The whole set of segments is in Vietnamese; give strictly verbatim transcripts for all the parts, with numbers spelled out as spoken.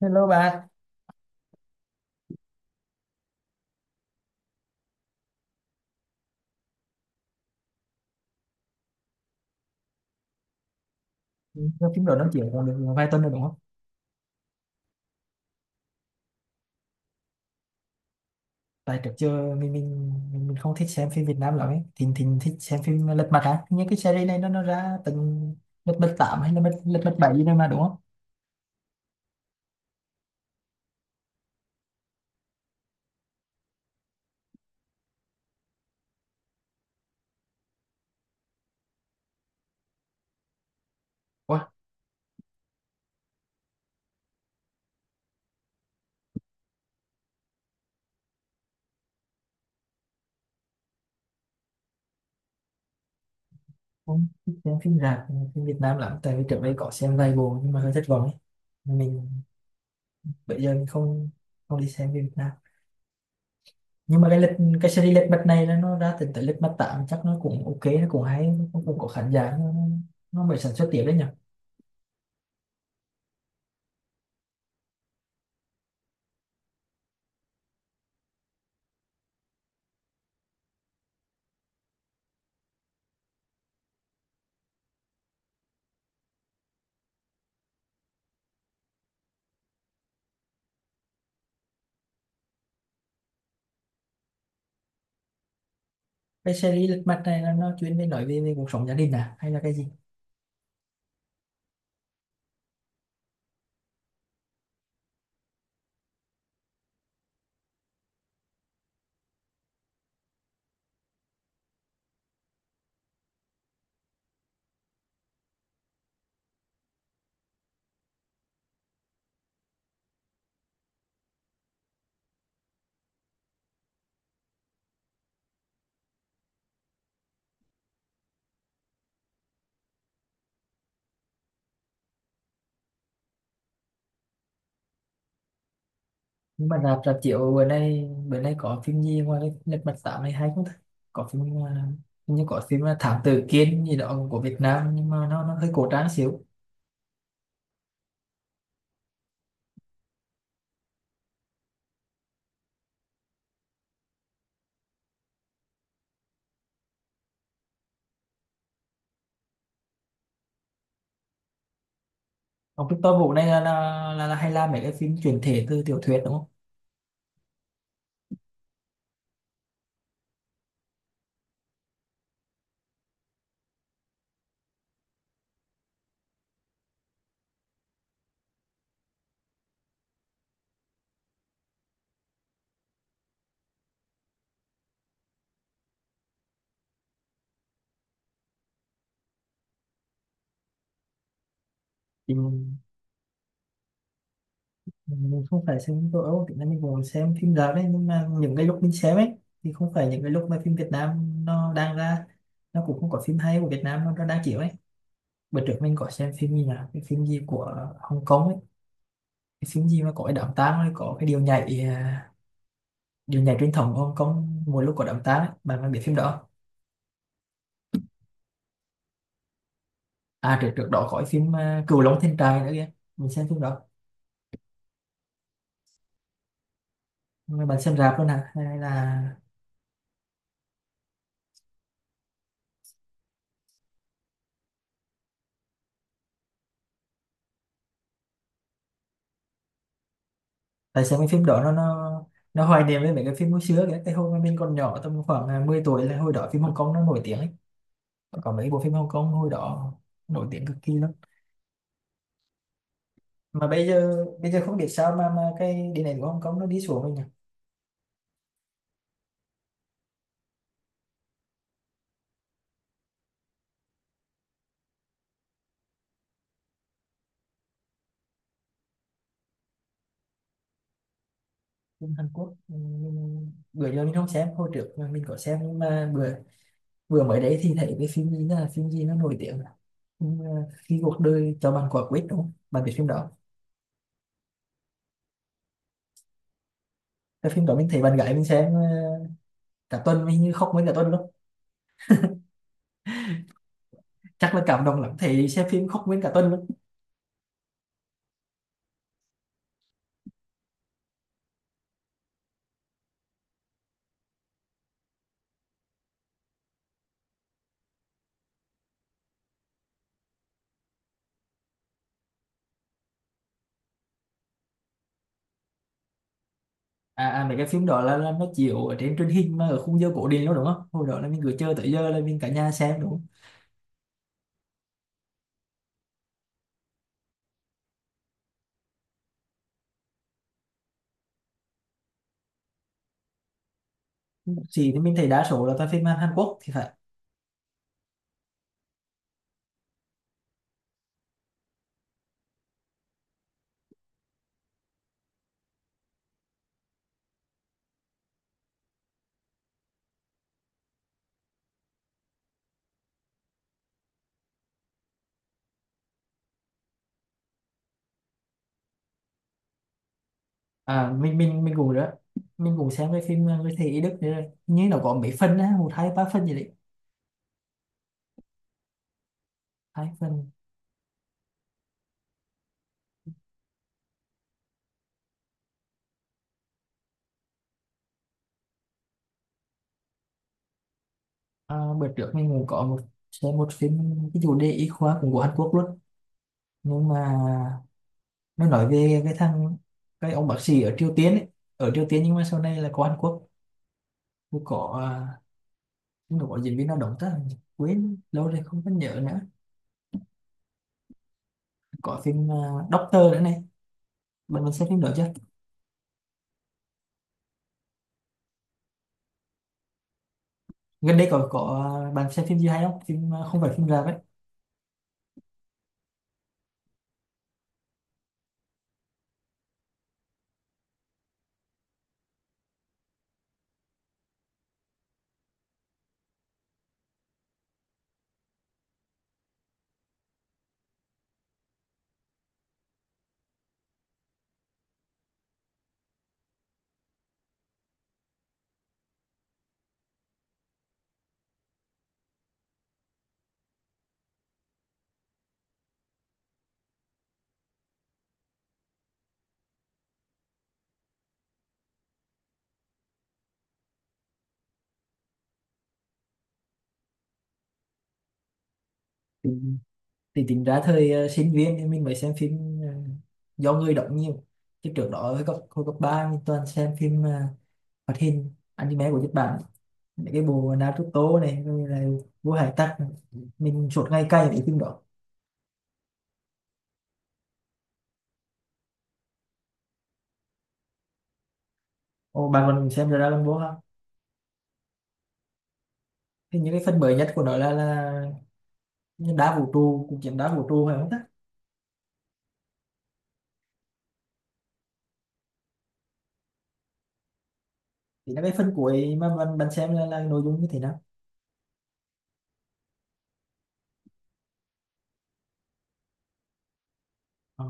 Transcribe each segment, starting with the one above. Hello bạn. Lâu phim rồi nói chuyện còn được vài tuần rồi đúng không? Tại trước giờ mình mình mình mình không thích xem phim Việt Nam lắm ấy. Thỉnh thỉnh thích xem phim Lật Mặt à? Những cái series này nó nó ra từng Lật Mặt tám hay là Lật Lật Mặt bảy gì đâu mà đúng không? Ủa, không thích xem phim rạp, phim Việt Nam lắm. Tại vì trước đây có xem vài bộ nhưng mà hơi thất vọng ấy. Mình bây giờ mình không không đi xem phim Việt Nam. Nhưng mà cái lịch cái series Lật Mặt này nó nó ra từng tới Lật Mặt tám chắc nó cũng ok, nó cũng hay, nó cũng có khán giả, nó, nó mới sản xuất tiếp đấy nhỉ? Cái series lật mặt này là nó chuyên về nói về, về cuộc sống gia đình à hay là cái gì? Nhưng mà rạp rạp chiếu bữa nay bữa nay có phim gì ngoài cái lật mặt tám này hay không ta? Có phim à, hình như có phim là Thám Tử Kiên gì đó của Việt Nam nhưng mà nó nó hơi cổ trang xíu. Ông Victor Vũ này là là, là, là hay làm mấy cái phim chuyển thể từ tiểu thuyết đúng không? Thì mình, mình không phải xem phim châu Âu thì mình cũng xem phim rạp đấy nhưng mà những cái lúc mình xem ấy thì không phải những cái lúc mà phim Việt Nam nó đang ra, nó cũng không có phim hay của Việt Nam nó nó đang chiếu ấy. Bữa trước mình có xem phim gì nhỉ, cái phim gì của Hồng Kông ấy, cái phim gì mà có cái đám tang ấy, có cái điều nhảy à, điều nhảy truyền thống của Hồng Kông mỗi lúc có đám tang ấy, bạn bạn biết phim đó không? À trước trước đó có cái phim à, Cửu Long Thiên Trại nữa kìa. Mình xem phim đó mà bạn xem rạp luôn hả hay là tại sao cái phim đó nó nó nó hoài niệm với mấy cái phim hồi xưa kìa, cái hồi mà mình còn nhỏ tầm khoảng à, mười tuổi, là hồi đó phim Hồng Kông nó nổi tiếng ấy, có mấy bộ phim Hồng Kông hồi đó nổi tiếng cực kỳ lắm. Mà bây giờ bây giờ không biết sao mà mà cái điện ảnh của Hồng Kông nó đi xuống rồi nhỉ? Phim Hàn Quốc ừm, bữa giờ mình không xem, hồi trước mà mình có xem nhưng mà bữa bữa mới đấy thì thấy cái phim gì, là phim gì nó nổi tiếng là phim, ờ, khi cuộc đời cho bạn quả quýt đúng không, bạn biết phim đó? Cái phim đó mình thấy bạn gái mình xem ờ, cả tuần mình như khóc nguyên cả tuần luôn, chắc là cảm động lắm thấy xem phim khóc nguyên cả tuần luôn. À, à mấy cái phim đó là, là nó chiếu ở trên truyền hình mà ở khung giờ cổ điển luôn đúng không, hồi đó là mình cứ chờ tới giờ là mình cả nhà xem đúng không? Gì thì mình thấy đa số là toàn phim Hàn Quốc thì phải. À, mình mình mình cũng đó, mình cũng xem cái phim ờ, người thầy y Đức nữa, như nó có mấy phần á, một hai ba phần gì đấy. Hai phần à, bữa trước mình cũng có một xem một phim, cái chủ đề y khoa cũng của Hàn Quốc luôn. Nhưng mà nó nói về cái thằng, cái ông bác sĩ ở Triều Tiên ấy, ở Triều Tiên nhưng mà sau này là có Hàn Quốc, cũng có à, nó có diễn viên nào đóng ta, quên lâu rồi không có nhớ nữa. Có phim à, Doctor nữa này, bạn mình xem phim đó chưa? Gần đây có có à, bạn xem phim gì hay không, phim à, không phải phim rạp ấy. Thì tính ra thời ờ, sinh viên thì mình mới xem phim ờ, do người đóng nhiều. Chứ trước đó hồi cấp hồi cấp ba mình toàn xem phim ờ, hoạt hình anime của Nhật Bản, mấy cái bộ Naruto này rồi là Vua Hải Tặc này. Mình suốt ngày cày những phim đó. Ồ, bạn còn xem Dragon Ball không? Thì những cái phần mới nhất của nó là là đá vũ trụ, cuộc chiến đá vũ trụ phải không ta? Thì là cái phần cuối mà bạn bạn xem là, là nội dung như thế nào? Ờ,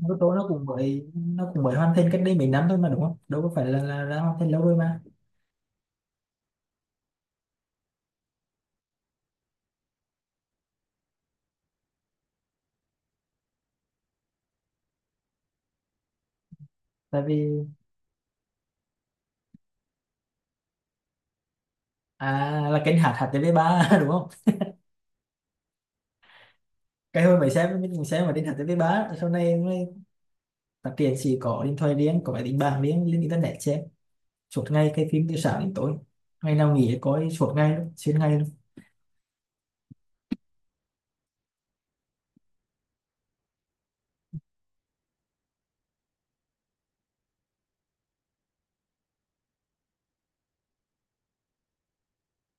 Naruto nó cũng mới, nó cũng mới hoàn thành cách đây mấy năm thôi mà đúng không, đâu có phải là là, là hoàn thành lâu rồi mà. Tại vì à là kênh hạt hạt ti vi ba đúng không? Cái hồi mấy xem mình xem mà kênh hạt ti vi ba sau này mới phát triển, chỉ có điện thoại riêng có máy tính bảng riêng lên internet xem suốt ngày cái phim từ sáng đến tối, ngày nào nghỉ coi suốt ngày luôn, xuyên ngày luôn.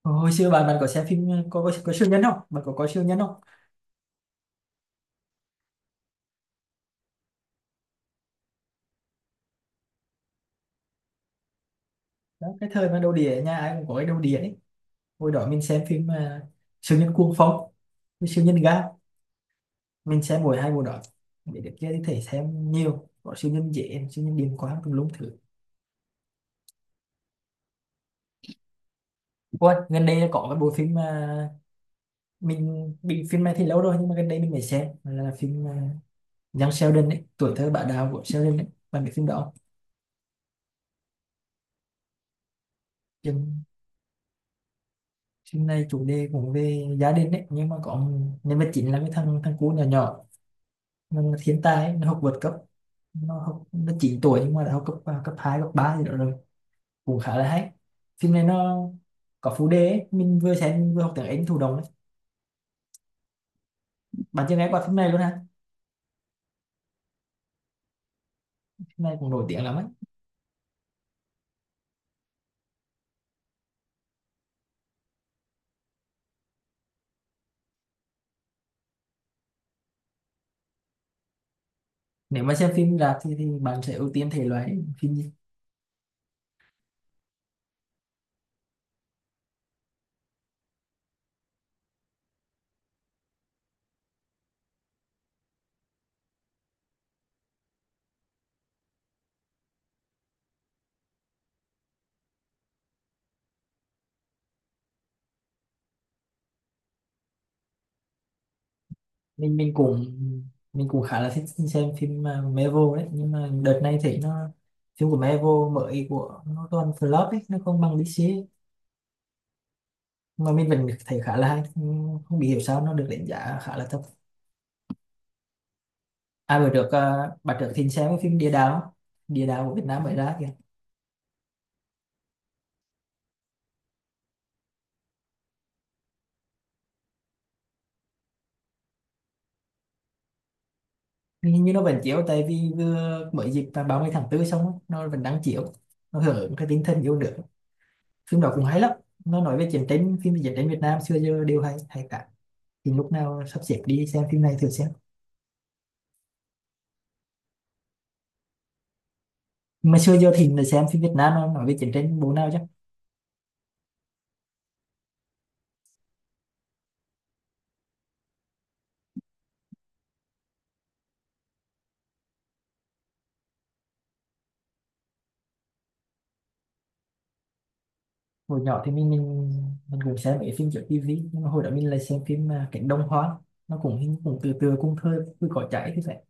Hồi xưa bạn bạn có xem phim có có, có siêu nhân không, bạn có coi siêu nhân không? Đó cái thời mà đầu đĩa nhà ai cũng có cái đầu đĩa ấy. Hồi đó mình xem phim à, siêu nhân cuồng phong với siêu nhân ga, mình xem mỗi hai bộ đó. Để được kia thì thể xem nhiều có siêu nhân dễ siêu nhân điềm quá tùm lum thứ. Ôi, gần đây có cái bộ phim mà mình bị phim này thì lâu rồi nhưng mà gần đây mình mới xem là phim à, Young Sheldon ấy, tuổi thơ bạn đạo của Sheldon ấy, bạn biết phim đó không? Chừng- phim này chủ đề cũng về gia đình ấy, nhưng mà có nhân vật chính là cái thằng, thằng cu nhỏ nhỏ, nó là thiên tài ấy, nó học vượt cấp, nó học nó chín tuổi nhưng mà đã học cấp à, cấp hai cấp ba gì đó rồi, cũng khá là hay. Phim này nó có phụ đề ấy, mình vừa xem mình vừa học tiếng Anh thụ động ấy. Bạn chưa nghe qua phim này luôn ha? Phim này cũng nổi tiếng lắm ấy. Nếu mà xem phim rạp thì, thì bạn sẽ ưu tiên thể loại phim gì? mình mình cũng, mình cũng khá là thích xem phim mà Marvel đấy, nhưng mà đợt này thấy nó phim của Marvel mới của nó toàn flop ấy, nó không bằng đê xê ấy. Mà mình vẫn thấy khá là hay, không không bị hiểu sao nó được đánh giá khá là thấp. À bữa được à, bạn trước thính xem cái phim Địa Đạo, Địa Đạo của Việt Nam mới ra kìa. Nhưng hình như nó vẫn chiếu tại vì vừa mới dịp vào ba mươi tháng bốn xong á, nó vẫn đang chiếu, nó hưởng ứng cái tinh thần yêu nước. Phim đó cũng hay lắm, nó nói về chiến tranh, phim về chiến tranh Việt Nam xưa giờ đều hay hay cả, thì lúc nào sắp xếp đi xem phim này thử xem. Mà xưa giờ thì mình xem phim Việt Nam nó nói về chiến tranh bộ nào chứ. Hồi nhỏ thì mình mình mình cũng xem mấy phim trên tivi, nhưng mà hồi đó mình lại xem phim à, Cánh Đồng Hoang, nó cũng hình cũng từ từ cũng thơ cứ có chảy thì phải.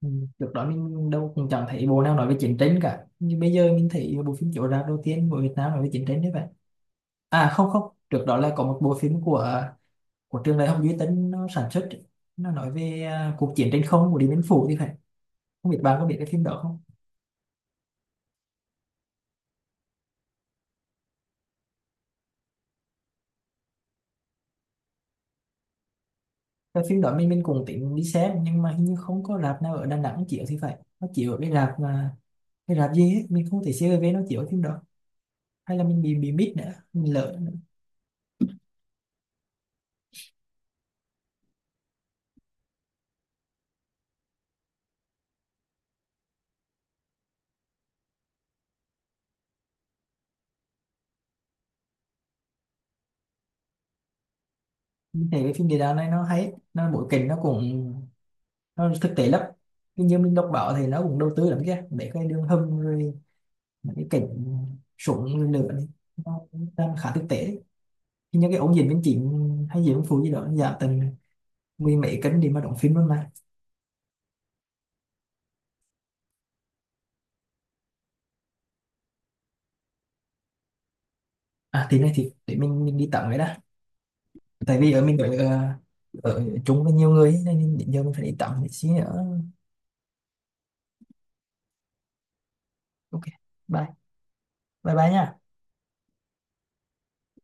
Ừ. Trước đó mình đâu cũng chẳng thấy bộ nào nói về chiến tranh cả, nhưng bây giờ mình thấy bộ phim chiếu rạp đầu tiên của Việt Nam nói về chiến tranh đấy vậy. À không không, trước đó là có một bộ phim của của trường đại học duy tân nó sản xuất, nó nói về à, cuộc chiến trên không của Điện Biên Phủ thì phải, không biết bạn có biết cái phim đó không? Cái phim đó mình mình cũng tính đi xem nhưng mà hình như không có rạp nào ở Đà Nẵng chiếu thì phải, nó chiếu ở cái rạp mà cái rạp gì ấy. Mình không thể xê e rờ vê nó chiếu cái phim đó, hay là mình bị bị mít nữa, mình lỡ nữa. Mình thấy cái phim địa đạo này nó hay ấy, nó bối cảnh nó cũng nó thực tế lắm, nhưng như mình đọc báo thì nó cũng đầu tư lắm kia, để cái đường hầm rồi mấy cái cảnh súng lửa này nó cũng đang khá thực tế. Thì những cái ổn định bên chị hay gì cũng phụ gì đó dạ tầm mười mấy cân đi mà đóng phim luôn mà. À thì này thì để mình mình đi tắm vậy đó, tại vì ở mình ở ờ, ở chung với nhiều người ấy, nên đến giờ mình phải đi tắm một xí nữa. Ok. Bye. Bye bye nha.